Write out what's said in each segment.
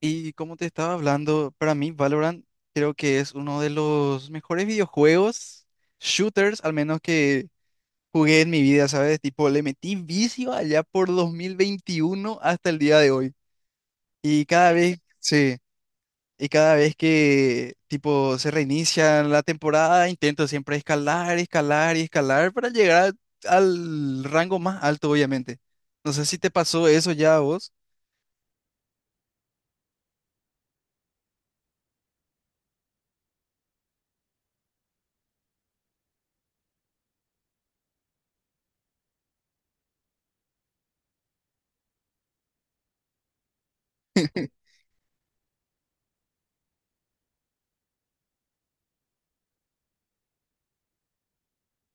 Y como te estaba hablando, para mí Valorant creo que es uno de los mejores videojuegos, shooters, al menos que jugué en mi vida, ¿sabes? Tipo, le metí vicio allá por 2021 hasta el día de hoy. Y cada vez, sí, y cada vez que, tipo, se reinicia la temporada, intento siempre escalar, escalar y escalar para llegar al rango más alto, obviamente. No sé si te pasó eso ya a vos.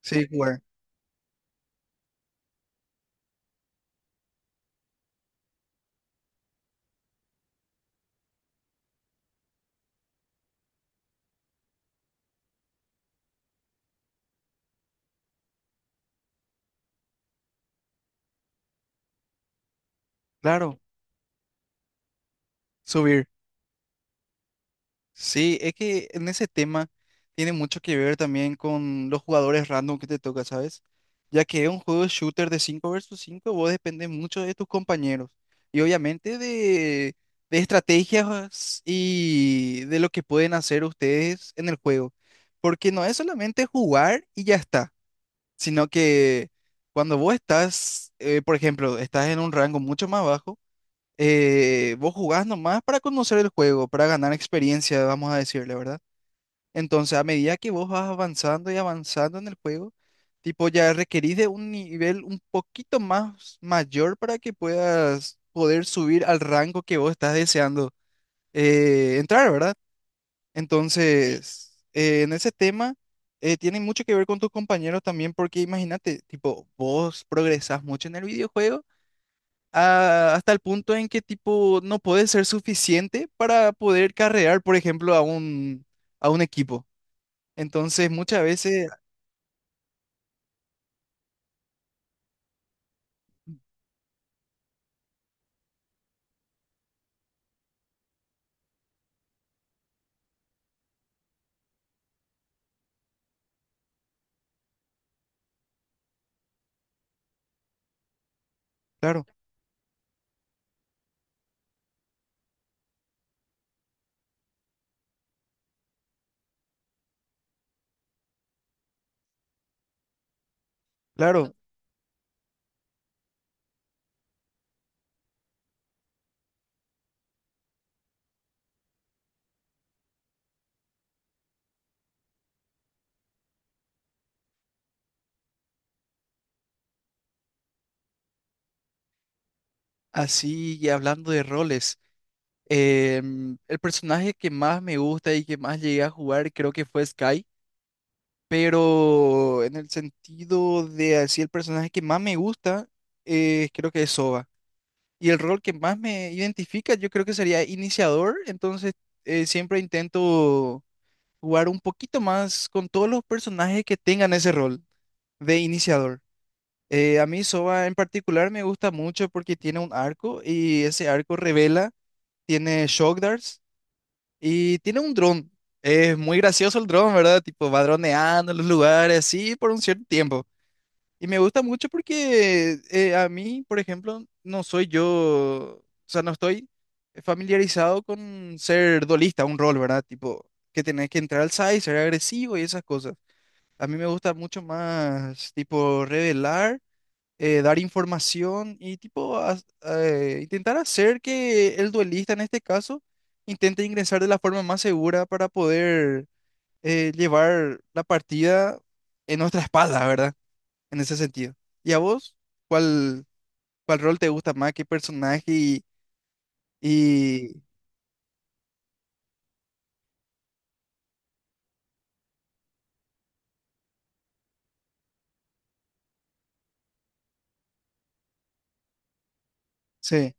Sí, jugar. Claro, subir. Sí, es que en ese tema tiene mucho que ver también con los jugadores random que te toca, ¿sabes? Ya que es un juego shooter de 5 versus 5. Vos depende mucho de tus compañeros y obviamente de estrategias y de lo que pueden hacer ustedes en el juego. Porque no es solamente jugar y ya está, sino que cuando vos estás, por ejemplo, estás en un rango mucho más bajo, vos jugás nomás para conocer el juego, para ganar experiencia, vamos a decirle, ¿verdad? Entonces, a medida que vos vas avanzando y avanzando en el juego, tipo, ya requerís de un nivel un poquito más mayor para que puedas poder subir al rango que vos estás deseando entrar, ¿verdad? Entonces, en ese tema, tiene mucho que ver con tus compañeros también, porque imagínate, tipo, vos progresás mucho en el videojuego hasta el punto en que tipo no puede ser suficiente para poder carrear, por ejemplo, a un equipo. Entonces, muchas veces, claro, claro, así y hablando de roles, el personaje que más me gusta y que más llegué a jugar creo que fue Sky, pero en el sentido de así el personaje que más me gusta, creo que es Sova. Y el rol que más me identifica, yo creo que sería iniciador, entonces siempre intento jugar un poquito más con todos los personajes que tengan ese rol de iniciador. A mí Sova en particular me gusta mucho porque tiene un arco y ese arco revela, tiene shock darts y tiene un dron. Es muy gracioso el dron, ¿verdad? Tipo va droneando en los lugares así por un cierto tiempo. Y me gusta mucho porque a mí, por ejemplo, no soy yo, o sea, no estoy familiarizado con ser duelista, un rol, ¿verdad? Tipo, que tenés que entrar al side, ser agresivo y esas cosas. A mí me gusta mucho más, tipo, revelar, dar información y, tipo, intentar hacer que el duelista, en este caso, intente ingresar de la forma más segura para poder llevar la partida en nuestra espalda, ¿verdad? En ese sentido. ¿Y a vos? ¿Cuál, cuál rol te gusta más? ¿Qué personaje? Y. Sí,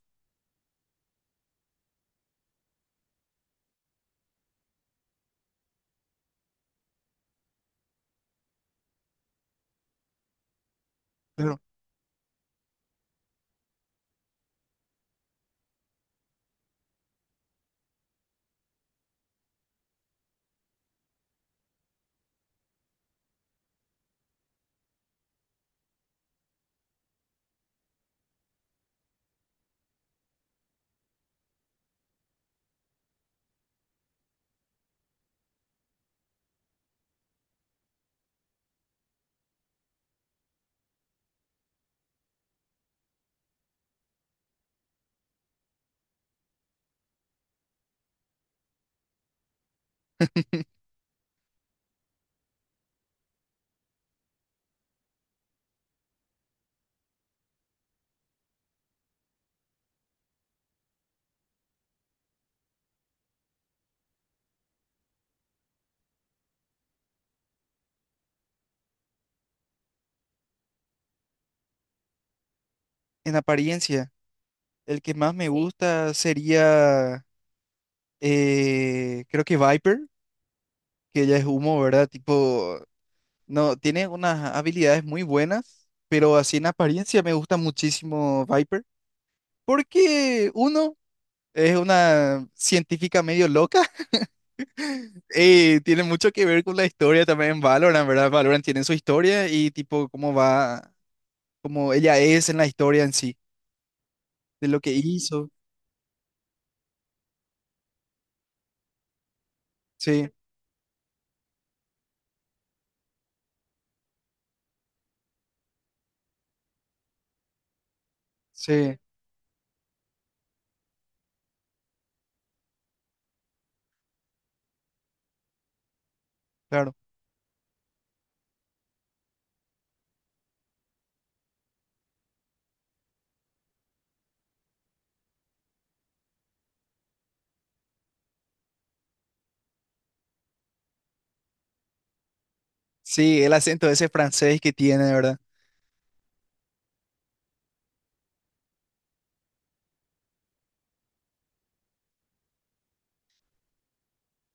claro. En apariencia, el que más me, sí, gusta sería, creo que Viper. Que ella es humo, ¿verdad? Tipo, no, tiene unas habilidades muy buenas, pero así en apariencia me gusta muchísimo Viper, porque uno es una científica medio loca. Y tiene mucho que ver con la historia también en Valorant, ¿verdad? Valorant tiene su historia y tipo cómo va, cómo ella es en la historia en sí, de lo que hizo. Sí, sí, claro. Sí, el acento ese francés que tiene, ¿verdad?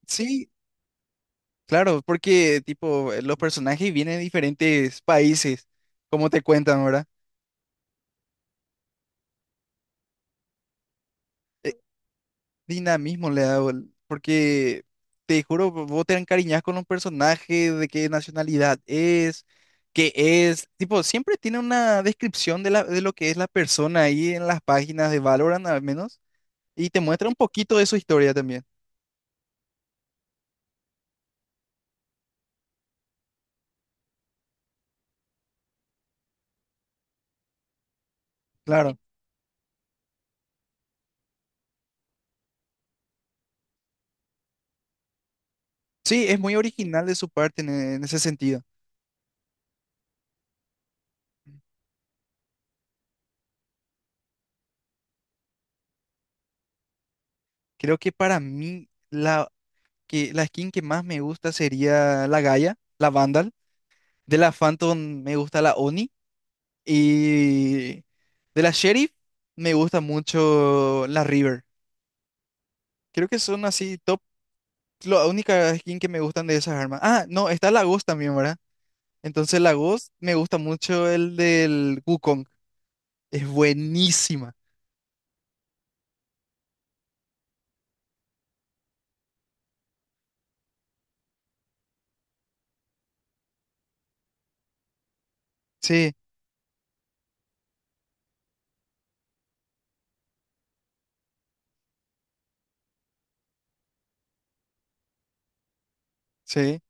Sí, claro, porque tipo los personajes vienen de diferentes países, como te cuentan, ¿verdad? Eh, Dinamismo le da, porque te juro, vos te encariñás con un personaje, de qué nacionalidad es, qué es, tipo, siempre tiene una descripción de la, de lo que es la persona ahí en las páginas de Valorant al menos, y te muestra un poquito de su historia también. Claro. Sí, es muy original de su parte en ese sentido. Creo que para mí que la skin que más me gusta sería la Gaia, la Vandal. De la Phantom me gusta la Oni. Y de la Sheriff me gusta mucho la River. Creo que son así top. La única skin que me gustan de esas armas. Ah, no, está la Ghost también, ¿verdad? Entonces la Ghost me gusta mucho el del Wukong. Es buenísima. Sí, sí.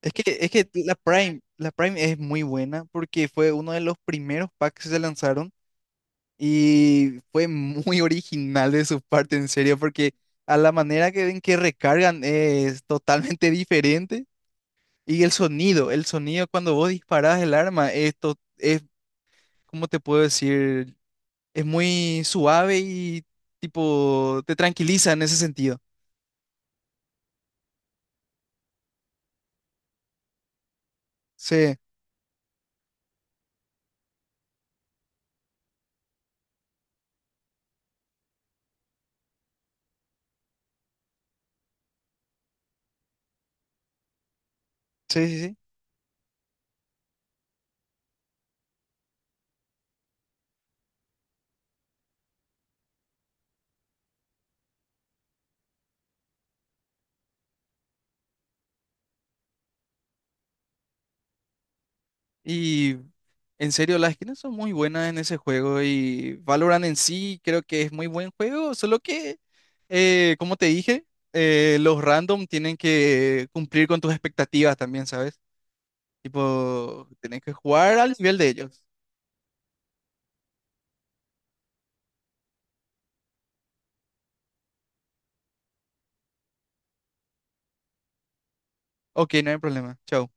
Es que la Prime es muy buena porque fue uno de los primeros packs que se lanzaron. Y fue muy original de su parte, en serio, porque a la manera que ven que recargan es totalmente diferente. Y el sonido cuando vos disparás el arma, esto es, ¿cómo te puedo decir? Es muy suave y tipo te tranquiliza en ese sentido. Sí, sí, sí, sí. Y en serio, las skins son muy buenas en ese juego y Valorant en sí creo que es muy buen juego, solo que, como te dije, los random tienen que cumplir con tus expectativas también, ¿sabes? Tipo, tenés que jugar al nivel de ellos. Ok, no hay problema. Chao.